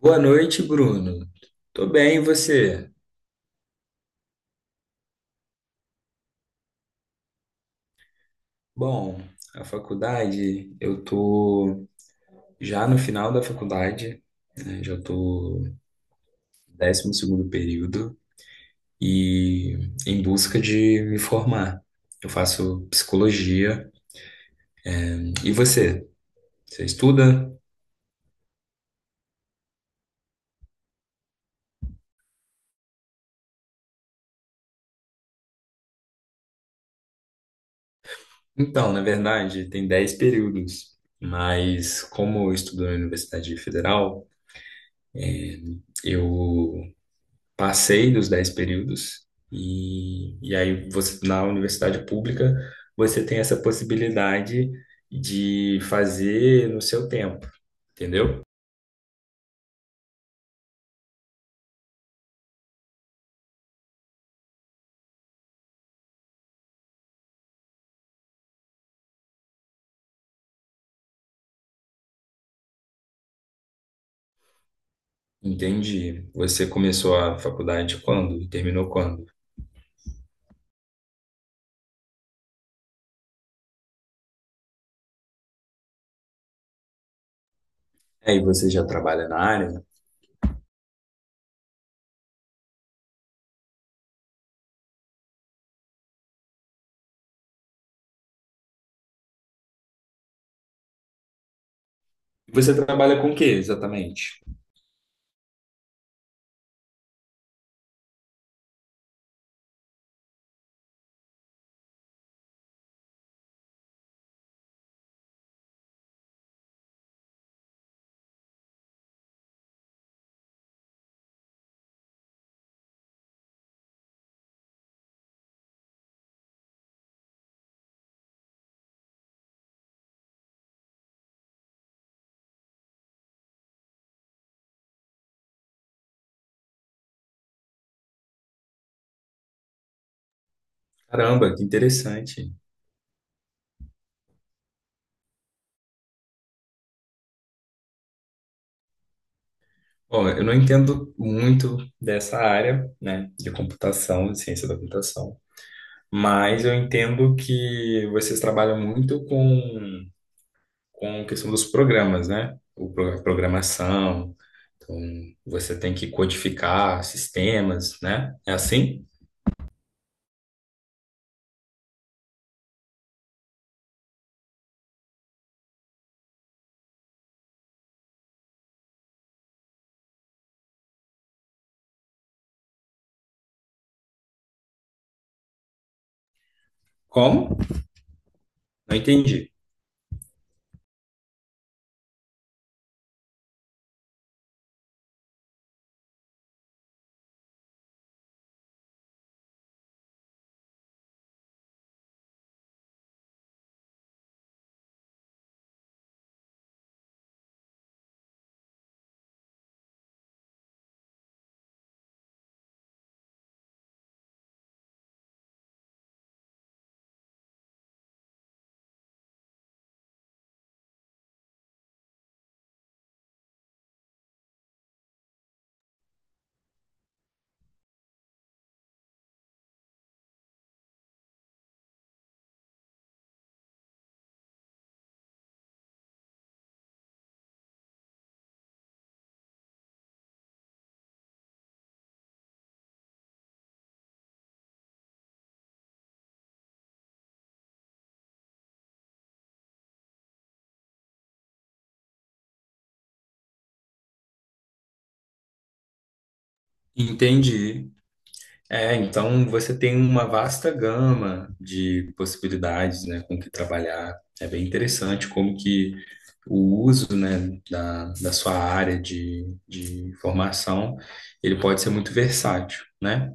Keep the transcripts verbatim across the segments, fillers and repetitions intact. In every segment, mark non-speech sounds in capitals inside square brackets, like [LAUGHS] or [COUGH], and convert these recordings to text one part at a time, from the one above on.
Boa noite, Bruno. Tô bem, e você? Bom, a faculdade, eu tô já no final da faculdade, né? Já tô no décimo segundo período e em busca de me formar. Eu faço psicologia. E você? Você estuda? Então, na verdade, tem dez períodos, mas como eu estudo na Universidade Federal, é, eu passei dos dez períodos, e, e aí você, na universidade pública você tem essa possibilidade de fazer no seu tempo, entendeu? Entendi. Você começou a faculdade quando? E terminou quando? Aí você já trabalha na área? Você trabalha com o que exatamente? Caramba, que interessante. Bom, eu não entendo muito dessa área, né, de computação, de ciência da computação, mas eu entendo que vocês trabalham muito com com a questão dos programas, né? O, pro- a programação, então você tem que codificar sistemas, né? É assim? Como? Não entendi. Entendi. É, então você tem uma vasta gama de possibilidades, né, com que trabalhar. É bem interessante como que o uso, né, da, da sua área de, de formação, ele pode ser muito versátil, né?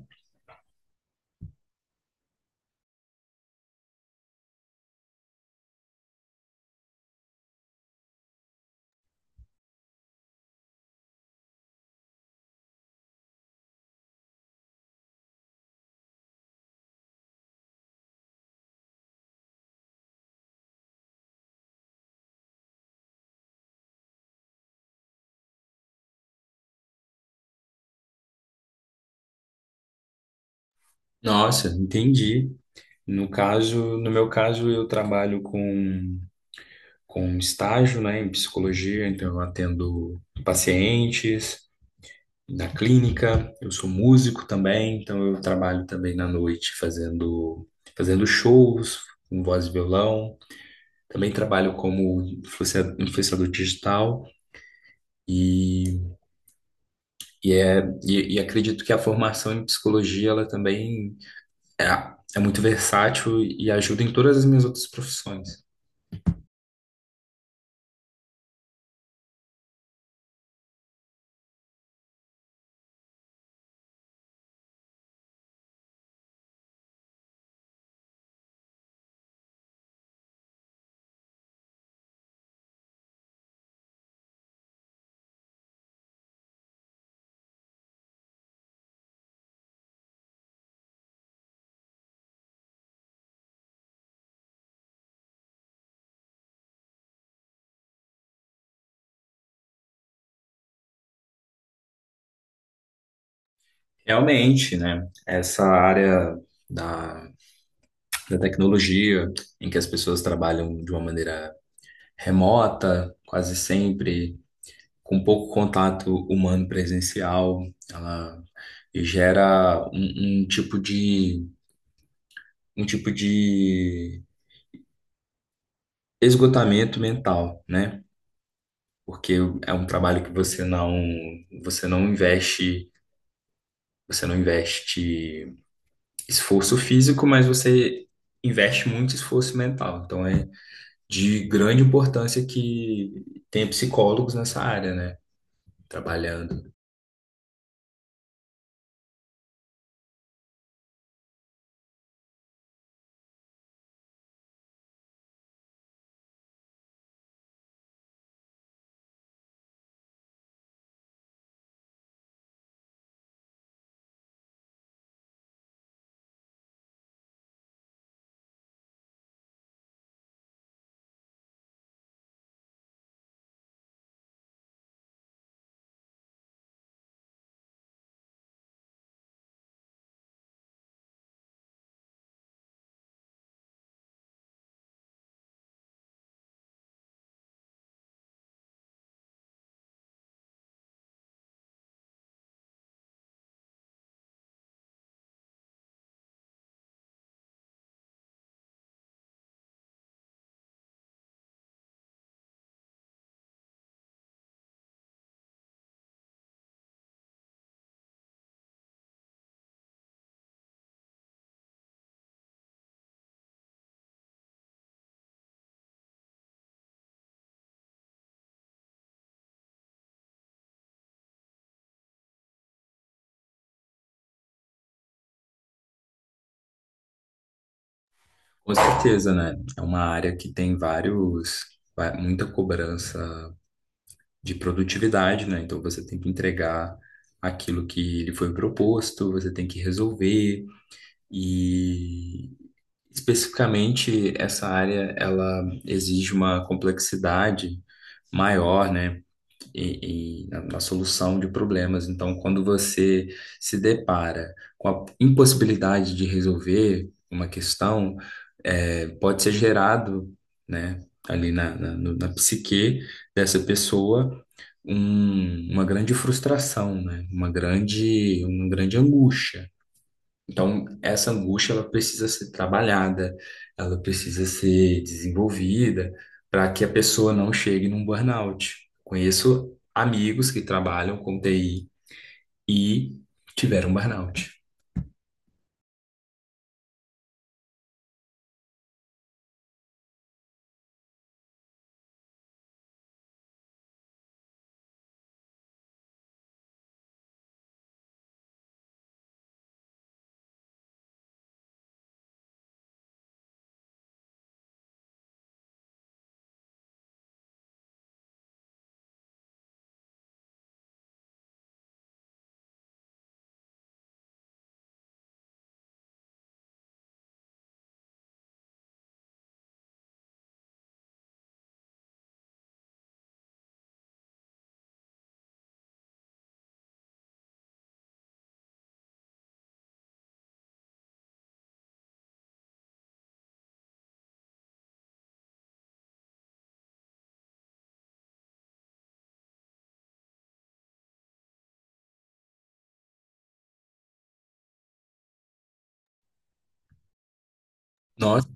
Nossa, entendi. No caso, no meu caso, eu trabalho com, com estágio, né, em psicologia, então eu atendo pacientes na clínica, eu sou músico também, então eu trabalho também na noite fazendo, fazendo shows com voz e violão, também trabalho como influencia- influenciador digital e, e, é, e, e acredito que a formação em psicologia, ela também é, é muito versátil e ajuda em todas as minhas outras profissões. Realmente, né? Essa área da, da tecnologia, em que as pessoas trabalham de uma maneira remota, quase sempre, com pouco contato humano presencial, ela gera um, um tipo de, um tipo de esgotamento mental, né? Porque é um trabalho que você não, você não investe, você não investe esforço físico, mas você investe muito esforço mental. Então, é de grande importância que tem psicólogos nessa área, né? Trabalhando. Com certeza, né? É uma área que tem vários, va- muita cobrança de produtividade, né? Então você tem que entregar aquilo que lhe foi proposto, você tem que resolver e especificamente essa área ela exige uma complexidade maior, né? e, e na, na solução de problemas. Então, quando você se depara com a impossibilidade de resolver uma questão, é, pode ser gerado, né, ali na, na, no- na psique dessa pessoa um- uma grande frustração, né, uma grande, uma grande angústia. Então, essa angústia ela precisa ser trabalhada, ela precisa ser desenvolvida para que a pessoa não chegue num burnout. Conheço amigos que trabalham com T I e tiveram burnout. Nossa,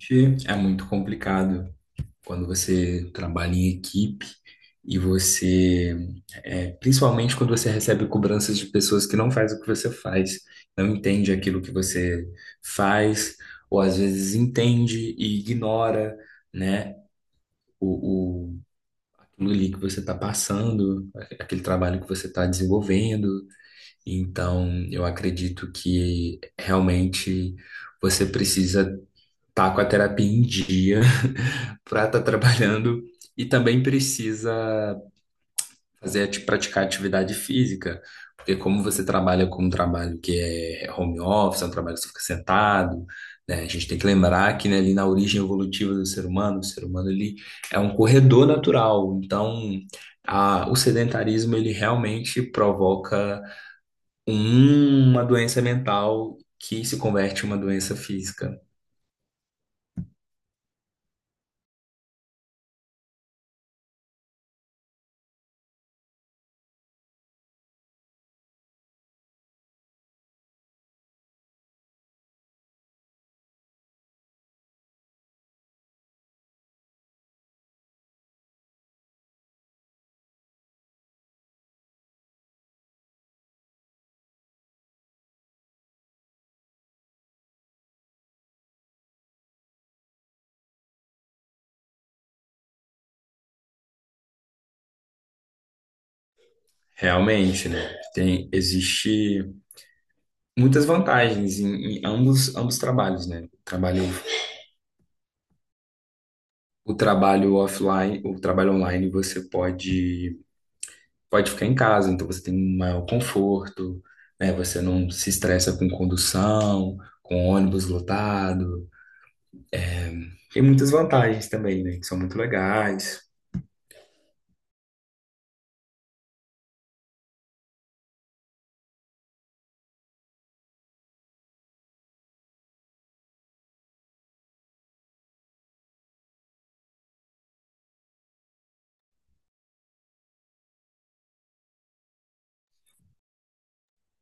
gente, é muito complicado. quando você trabalha em equipe e você, é, principalmente quando você recebe cobranças de pessoas que não fazem o que você faz, não entende aquilo que você faz, ou às vezes entende e ignora, né, o, o aquilo ali que você está passando, aquele trabalho que você está desenvolvendo. Então, eu acredito que realmente você precisa tá com a terapia em dia [LAUGHS] para estar trabalhando e também precisa fazer ati- praticar atividade física, porque como você trabalha com um trabalho que é home office, é um trabalho que você fica sentado, né? A gente tem que lembrar que né, ali na origem evolutiva do ser humano, o ser humano ele é um corredor natural, então a- o sedentarismo ele realmente provoca uma doença mental que se converte em uma doença física. Realmente, né? Tem, existe muitas vantagens em, em ambos, ambos trabalhos, né? O trabalho, o trabalho offline, o trabalho online, você pode, pode ficar em casa, então você tem um maior conforto, né? Você não se estressa com condução, com ônibus lotado. Tem muitas vantagens também, né? Que são muito legais.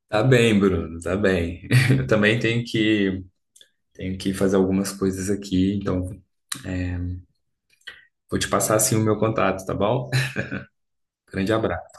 Tá bem, Bruno, tá bem. [LAUGHS] Eu também tenho que, tenho que fazer algumas coisas aqui, então vou te passar assim o meu contato, tá bom? [LAUGHS] Grande abraço.